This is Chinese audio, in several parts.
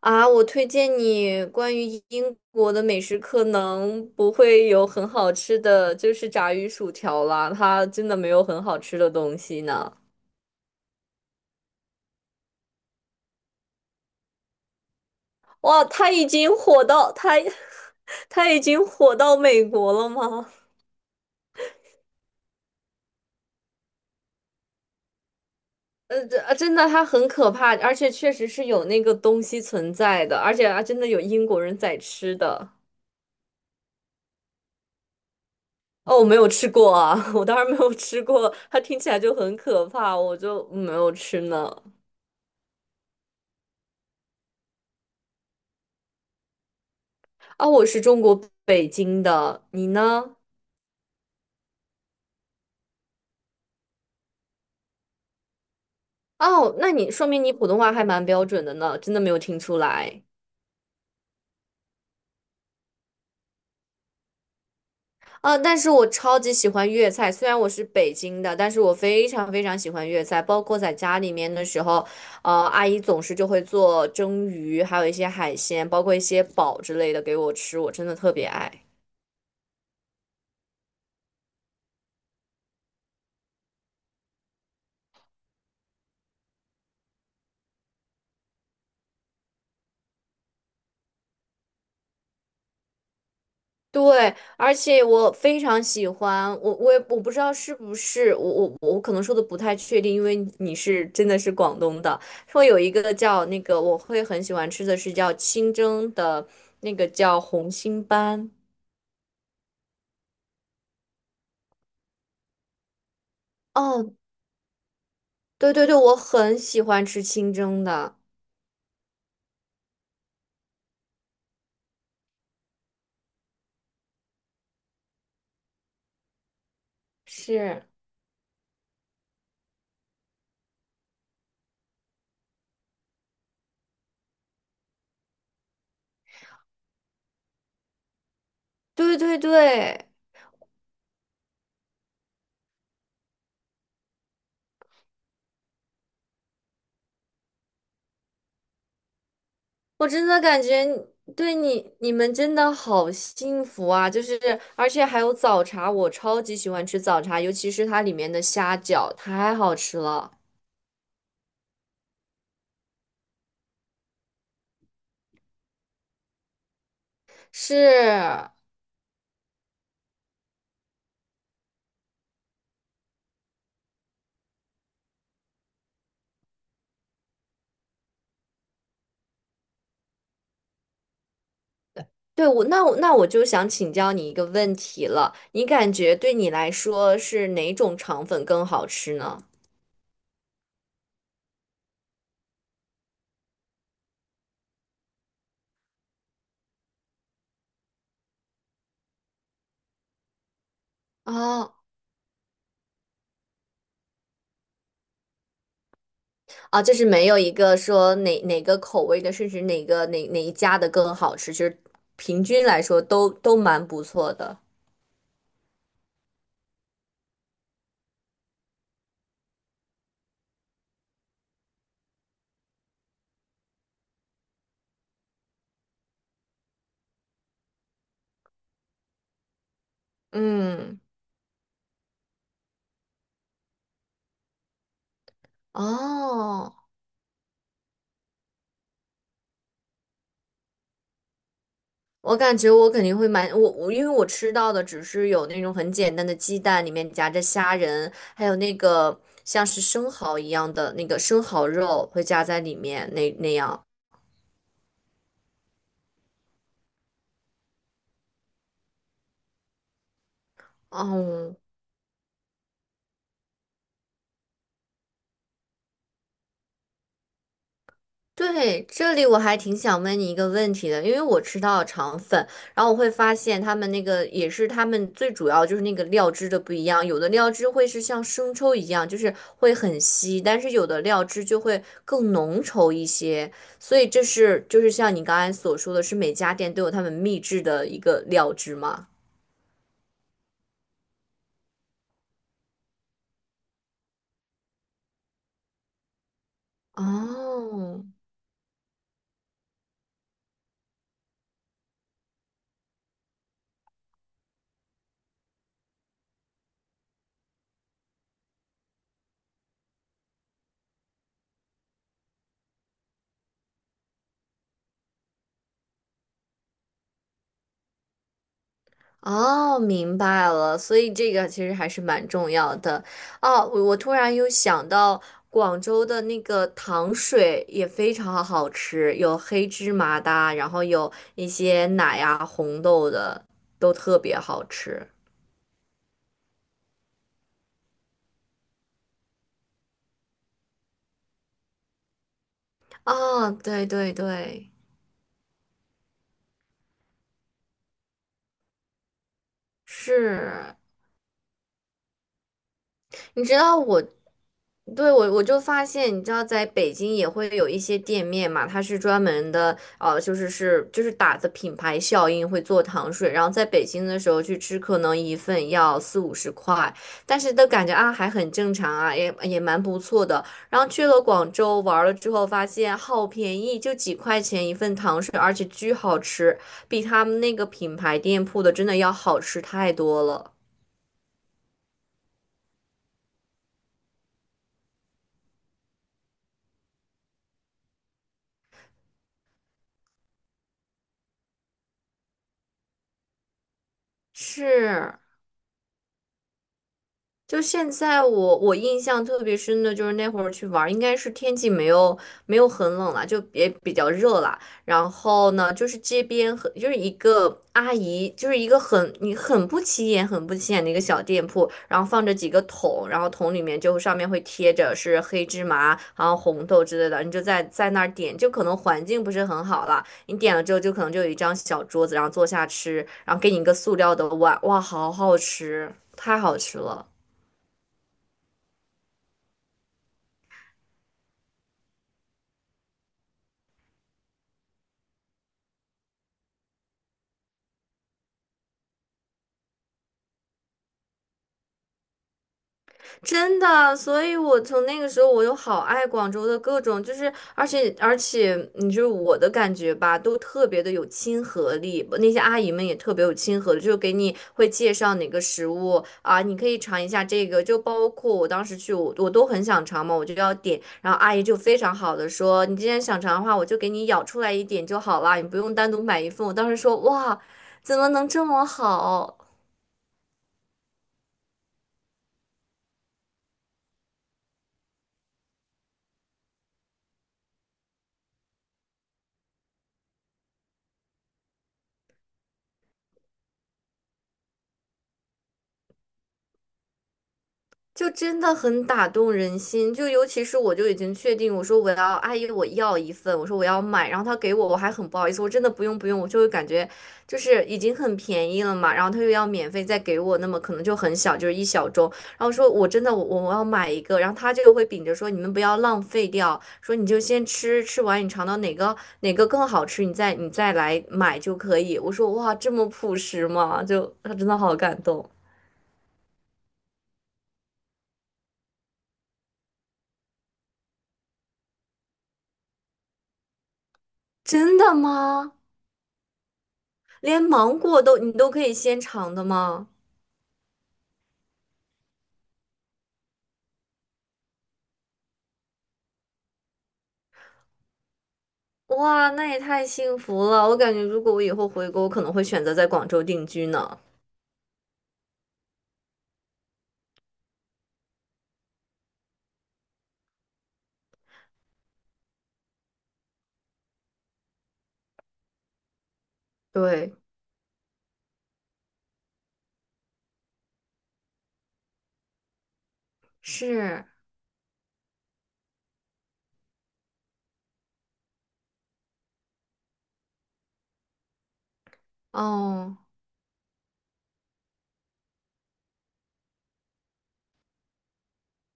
啊，我推荐你关于英国的美食，可能不会有很好吃的，就是炸鱼薯条啦，它真的没有很好吃的东西呢。哇，它已经火到它，它已经火到美国了吗？这啊真的它很可怕，而且确实是有那个东西存在的，而且啊，真的有英国人在吃的。哦，我没有吃过啊，我当然没有吃过，它听起来就很可怕，我就没有吃呢。啊，我是中国北京的，你呢？哦，那你说明你普通话还蛮标准的呢，真的没有听出来。啊，但是我超级喜欢粤菜，虽然我是北京的，但是我非常非常喜欢粤菜，包括在家里面的时候，阿姨总是就会做蒸鱼，还有一些海鲜，包括一些煲之类的给我吃，我真的特别爱。对，而且我非常喜欢，我不知道是不是我我可能说的不太确定，因为你是真的是广东的，说有一个叫那个我会很喜欢吃的是叫清蒸的那个叫红心斑。哦，对对对，我很喜欢吃清蒸的，是，对对对。我真的感觉对你们真的好幸福啊！就是而且还有早茶，我超级喜欢吃早茶，尤其是它里面的虾饺，太好吃了。是，对我就想请教你一个问题了，你感觉对你来说是哪种肠粉更好吃呢？哦，啊，就是没有一个说哪个口味的，甚至哪个哪哪一家的更好吃，就是平均来说都蛮不错的。嗯，哦。我感觉我肯定会买，因为我吃到的只是有那种很简单的鸡蛋，里面夹着虾仁，还有那个像是生蚝一样的那个生蚝肉会夹在里面那样。哦，对，这里我还挺想问你一个问题的，因为我吃到肠粉，然后我会发现他们那个也是他们最主要就是那个料汁的不一样，有的料汁会是像生抽一样，就是会很稀，但是有的料汁就会更浓稠一些，所以这是就是像你刚才所说的是每家店都有他们秘制的一个料汁吗？哦。哦，明白了，所以这个其实还是蛮重要的。哦，我突然又想到广州的那个糖水也非常好吃，有黑芝麻的啊然后有一些奶呀、红豆的，都特别好吃。啊，对对对，是。你知道我，对，我就发现，你知道在北京也会有一些店面嘛，它是专门的，就是打着品牌效应会做糖水，然后在北京的时候去吃，可能一份要四五十块，但是都感觉啊还很正常啊，也也蛮不错的。然后去了广州玩了之后，发现好便宜，就几块钱一份糖水，而且巨好吃，比他们那个品牌店铺的真的要好吃太多了。是。就现在我，我印象特别深的就是那会儿去玩儿应该是天气没有很冷了，就也比较热了。然后呢，就是街边就是一个阿姨，就是一个很不起眼、很不起眼的一个小店铺，然后放着几个桶，然后桶里面就上面会贴着是黑芝麻，然后红豆之类的，你就在那儿点，就可能环境不是很好了。你点了之后就可能就有一张小桌子，然后坐下吃，然后给你一个塑料的碗，哇，好好吃，太好吃了。真的，所以我从那个时候我就好爱广州的各种，就是而且，你就是我的感觉吧，都特别的有亲和力，那些阿姨们也特别有亲和力，就给你会介绍哪个食物啊，你可以尝一下这个，就包括我当时去我都很想尝嘛，我就要点，然后阿姨就非常好的说，你既然想尝的话，我就给你舀出来一点就好啦，你不用单独买一份。我当时说哇，怎么能这么好？就真的很打动人心，就尤其是我就已经确定，我说我要阿姨，我要一份，我说我要买，然后他给我，我还很不好意思，我真的不用不用，我就会感觉就是已经很便宜了嘛，然后他又要免费再给我，那么可能就很小，就是一小盅，然后说我真的要买一个，然后他就会秉着说你们不要浪费掉，说你就先吃，吃完你尝到哪个更好吃，你再来买就可以。我说哇，这么朴实吗？就他真的好感动，真的吗？连芒果都你都可以先尝的吗？哇，那也太幸福了！我感觉如果我以后回国，我可能会选择在广州定居呢。对，是，哦，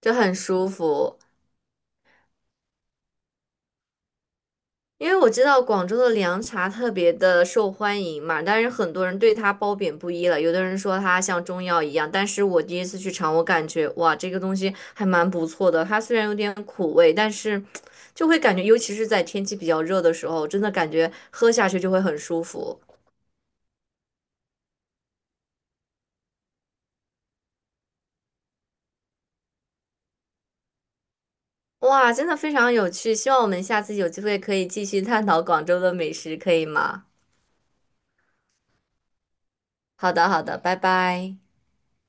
就很舒服。因为我知道广州的凉茶特别的受欢迎嘛，但是很多人对它褒贬不一了。有的人说它像中药一样，但是我第一次去尝，我感觉哇，这个东西还蛮不错的。它虽然有点苦味，但是就会感觉，尤其是在天气比较热的时候，真的感觉喝下去就会很舒服。哇，真的非常有趣，希望我们下次有机会可以继续探讨广州的美食，可以吗？好的，好的，拜拜。